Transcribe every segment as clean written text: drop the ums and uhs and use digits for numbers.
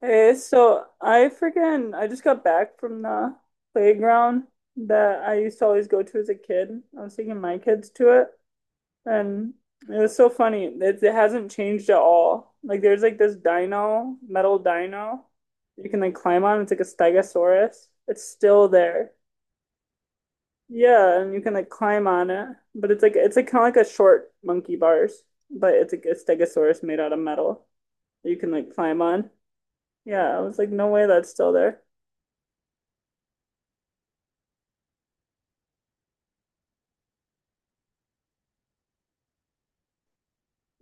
Hey, so I just got back from the playground that I used to always go to as a kid. I was taking my kids to it, and it was so funny. It hasn't changed at all. Like there's like this dino, metal dino you can like climb on. It's like a stegosaurus. It's still there. Yeah, and you can like climb on it, but it's like kind of like a short monkey bars, but it's like a stegosaurus made out of metal that you can like climb on. Yeah, I was like, no way that's still there.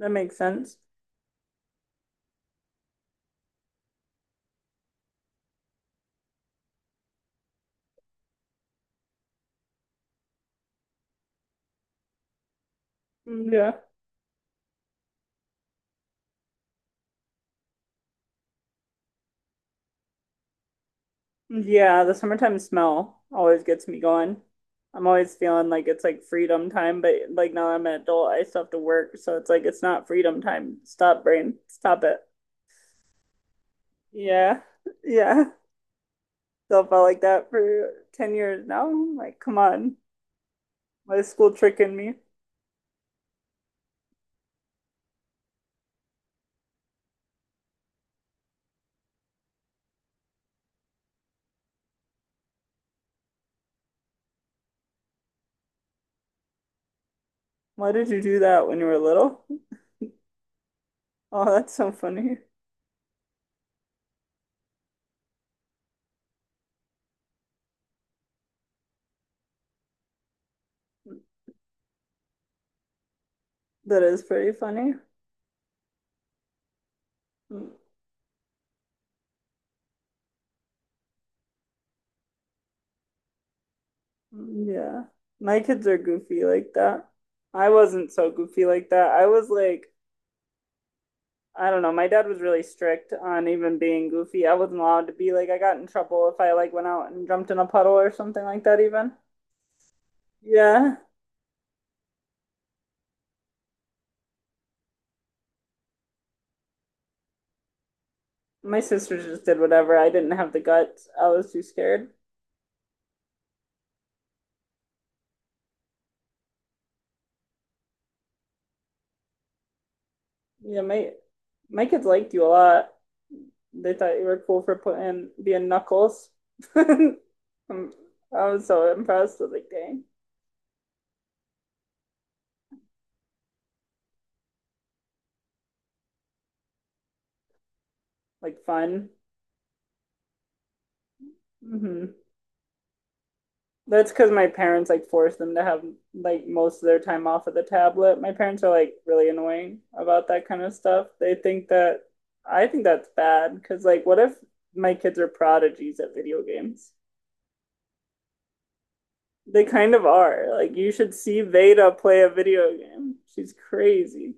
That makes sense. Yeah. Yeah, the summertime smell always gets me going. I'm always feeling like it's like freedom time, but like now that I'm an adult, I still have to work, so it's like it's not freedom time. Stop, brain. Stop it. Yeah. Yeah. So I felt like that for 10 years now. Like, come on. Why is school tricking me? Why did you do that when you were little? Oh, that's so funny. That is pretty funny. Mm. Yeah. My kids are goofy like that. I wasn't so goofy like that. I was like, I don't know, my dad was really strict on even being goofy. I wasn't allowed to be like I got in trouble if I like went out and jumped in a puddle or something like that even. Yeah. My sisters just did whatever. I didn't have the guts. I was too scared. Yeah, my kids liked you a lot. They thought you were cool for putting being Knuckles. Um, I was so impressed. I was like, dang, like fun. Hmm. That's because my parents like force them to have like most of their time off of the tablet. My parents are like really annoying about that kind of stuff. They think that I think that's bad because like what if my kids are prodigies at video games? They kind of are. Like you should see Veda play a video game. She's crazy.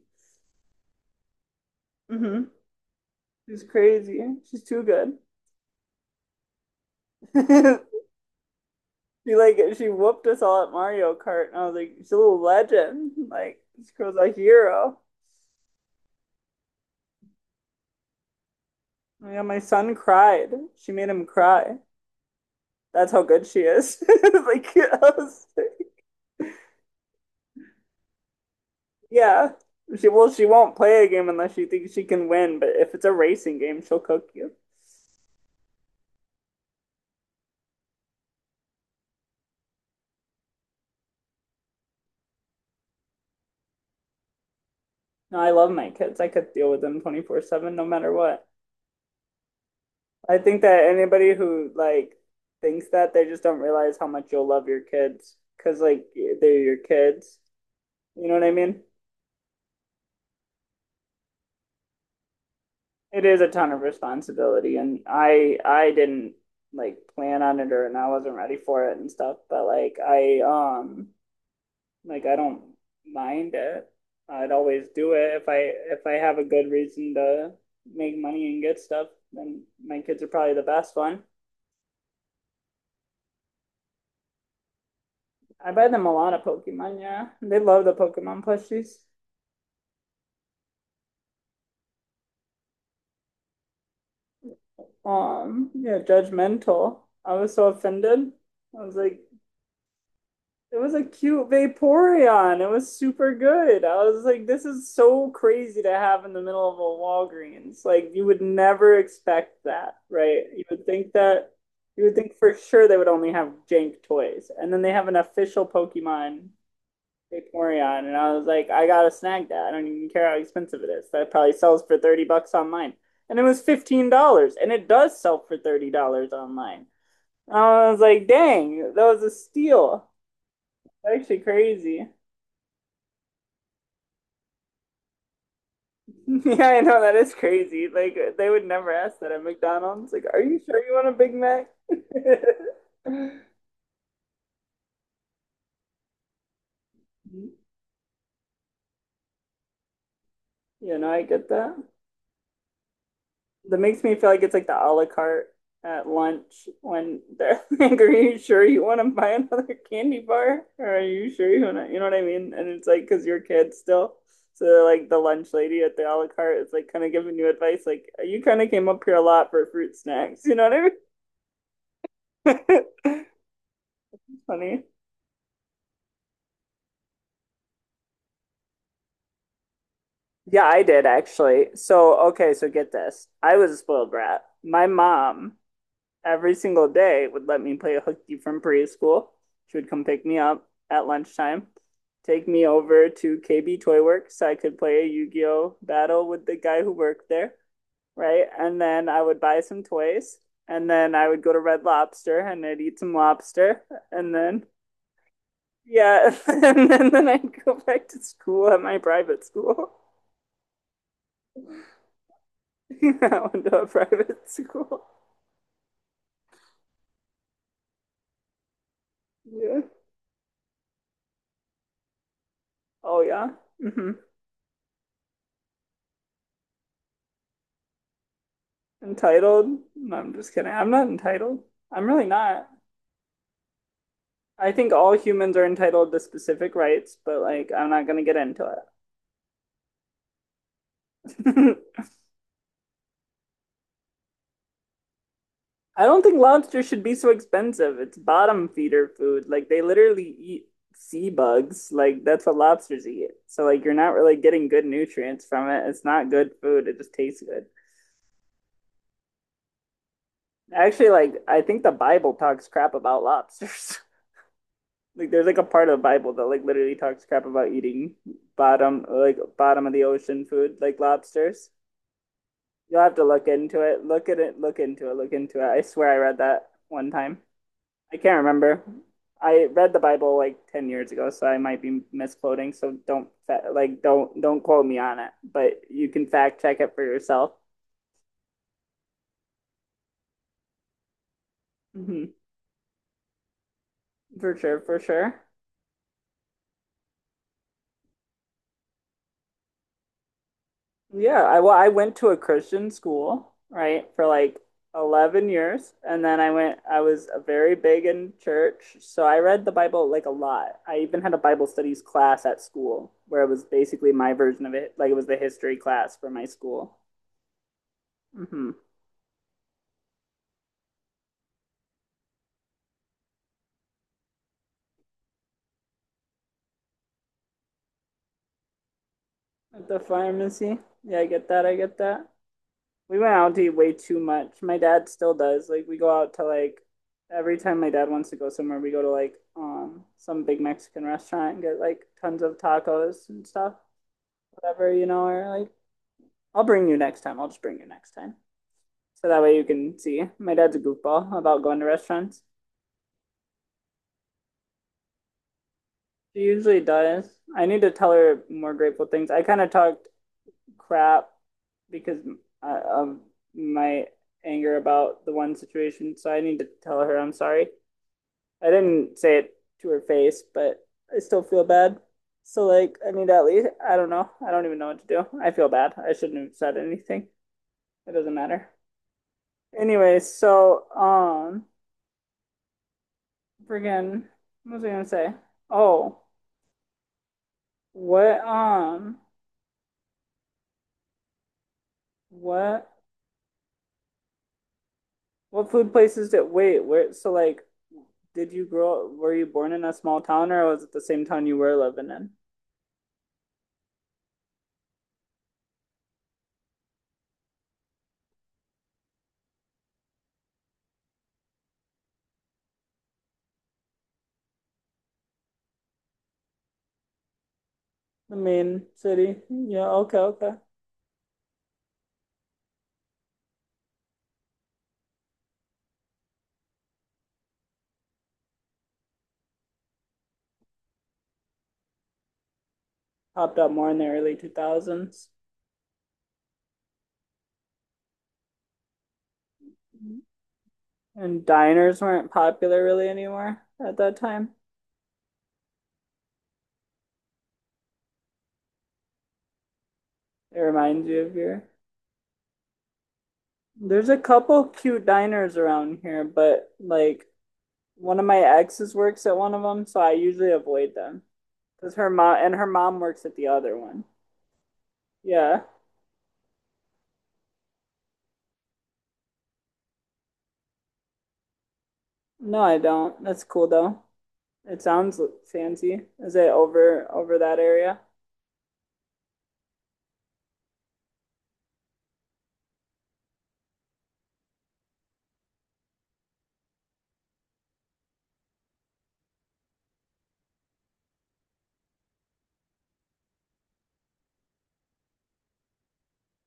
Mm-hmm. She's crazy. She's too good. She like she whooped us all at Mario Kart, and I was like, she's a little legend. Like this girl's a hero. Oh, yeah, my son cried. She made him cry. That's how good she is. Like, yeah. She well, she won't play a game unless she thinks she can win, but if it's a racing game, she'll cook you. No, I love my kids. I could deal with them 24/7 no matter what. I think that anybody who like thinks that they just don't realize how much you'll love your kids because like they're your kids. You know what I mean? It is a ton of responsibility, and I didn't like plan on it or and I wasn't ready for it and stuff. But like I don't mind it. I'd always do it if I have a good reason to make money and get stuff. Then my kids are probably the best one. I buy them a lot of Pokemon. Yeah, they love the Pokemon plushies. Yeah, judgmental. I was so offended. I was like, it was a cute Vaporeon. It was super good. I was like, this is so crazy to have in the middle of a Walgreens. Like, you would never expect that, right? You would think that, you would think for sure they would only have jank toys. And then they have an official Pokemon Vaporeon. And I was like, I gotta snag that. I don't even care how expensive it is. That probably sells for 30 bucks online. And it was $15. And it does sell for $30 online. And I was like, dang, that was a steal. Actually crazy. Yeah, I know that is crazy. Like they would never ask that at McDonald's. Like, are you sure you want a Big Mac? You know, I get that. That makes me feel like it's like the a la carte at lunch when they're like, are you sure you want to buy another candy bar? Or are you sure you want to, you know what I mean? And it's like, because you're a kid still. So like the lunch lady at the a la carte is like kind of giving you advice, like you kind of came up here a lot for fruit snacks. You know what I mean? Funny. Yeah, I did actually. So, okay, so get this. I was a spoiled brat. My mom, every single day, would let me play hooky from preschool. She would come pick me up at lunchtime, take me over to KB Toy Works so I could play a Yu-Gi-Oh battle with the guy who worked there, right? And then I would buy some toys, and then I would go to Red Lobster and I'd eat some lobster, and then yeah, and then I'd go back to school at my private school. I went to a private school. Yeah. Oh yeah. Hmm. Entitled? No, I'm just kidding. I'm not entitled. I'm really not. I think all humans are entitled to specific rights, but like I'm not gonna get into it. I don't think lobster should be so expensive. It's bottom feeder food. Like they literally eat sea bugs. Like that's what lobsters eat. So like you're not really getting good nutrients from it. It's not good food. It just tastes good. Actually, like I think the Bible talks crap about lobsters. Like there's like a part of the Bible that like literally talks crap about eating bottom like bottom of the ocean food like lobsters. You'll have to look into it. Look at it. Look into it. Look into it. I swear I read that one time. I can't remember. I read the Bible like 10 years ago, so I might be misquoting. So don't like don't quote me on it, but you can fact check it for yourself. Mm-hmm. For sure, for sure. Yeah, I well, I went to a Christian school, right, for like 11 years, and then I was very big in church, so I read the Bible like a lot. I even had a Bible studies class at school where it was basically my version of it, like it was the history class for my school. Hmm. At the pharmacy. Yeah, I get that. I get that. We went out to eat way too much. My dad still does. Like we go out to like every time my dad wants to go somewhere, we go to like some big Mexican restaurant and get like tons of tacos and stuff, whatever, you know, or like I'll bring you next time. I'll just bring you next time. So that way you can see. My dad's a goofball about going to restaurants. She usually does. I need to tell her more grateful things. I kind of talked crap because of my anger about the one situation. So I need to tell her I'm sorry. I didn't say it to her face, but I still feel bad. So like I need to at least I don't know. I don't even know what to do. I feel bad. I shouldn't have said anything. It doesn't matter. Anyway, so friggin' what was I gonna say? Oh, what um what what food places did wait, where so like did you grow were you born in a small town or was it the same town you were living in? The main city. Yeah, okay, okay. Popped up more in the early two thousands. And diners weren't popular really anymore at that time. It reminds you of your. There's a couple cute diners around here, but like one of my exes works at one of them, so I usually avoid them. Because her mom and her mom works at the other one. Yeah. No, I don't. That's cool though. It sounds fancy. Is it over that area?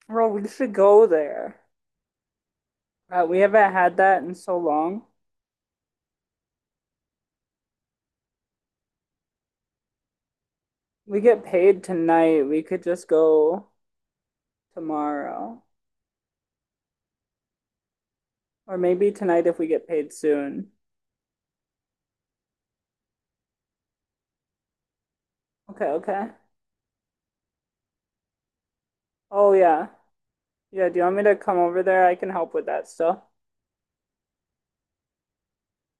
Bro, we should go there. We haven't had that in so long. We get paid tonight. We could just go tomorrow. Or maybe tonight if we get paid soon. Okay, okay. Oh, yeah. Yeah, do you want me to come over there? I can help with that still.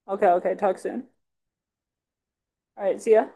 Okay, okay. Talk soon. All right, see ya.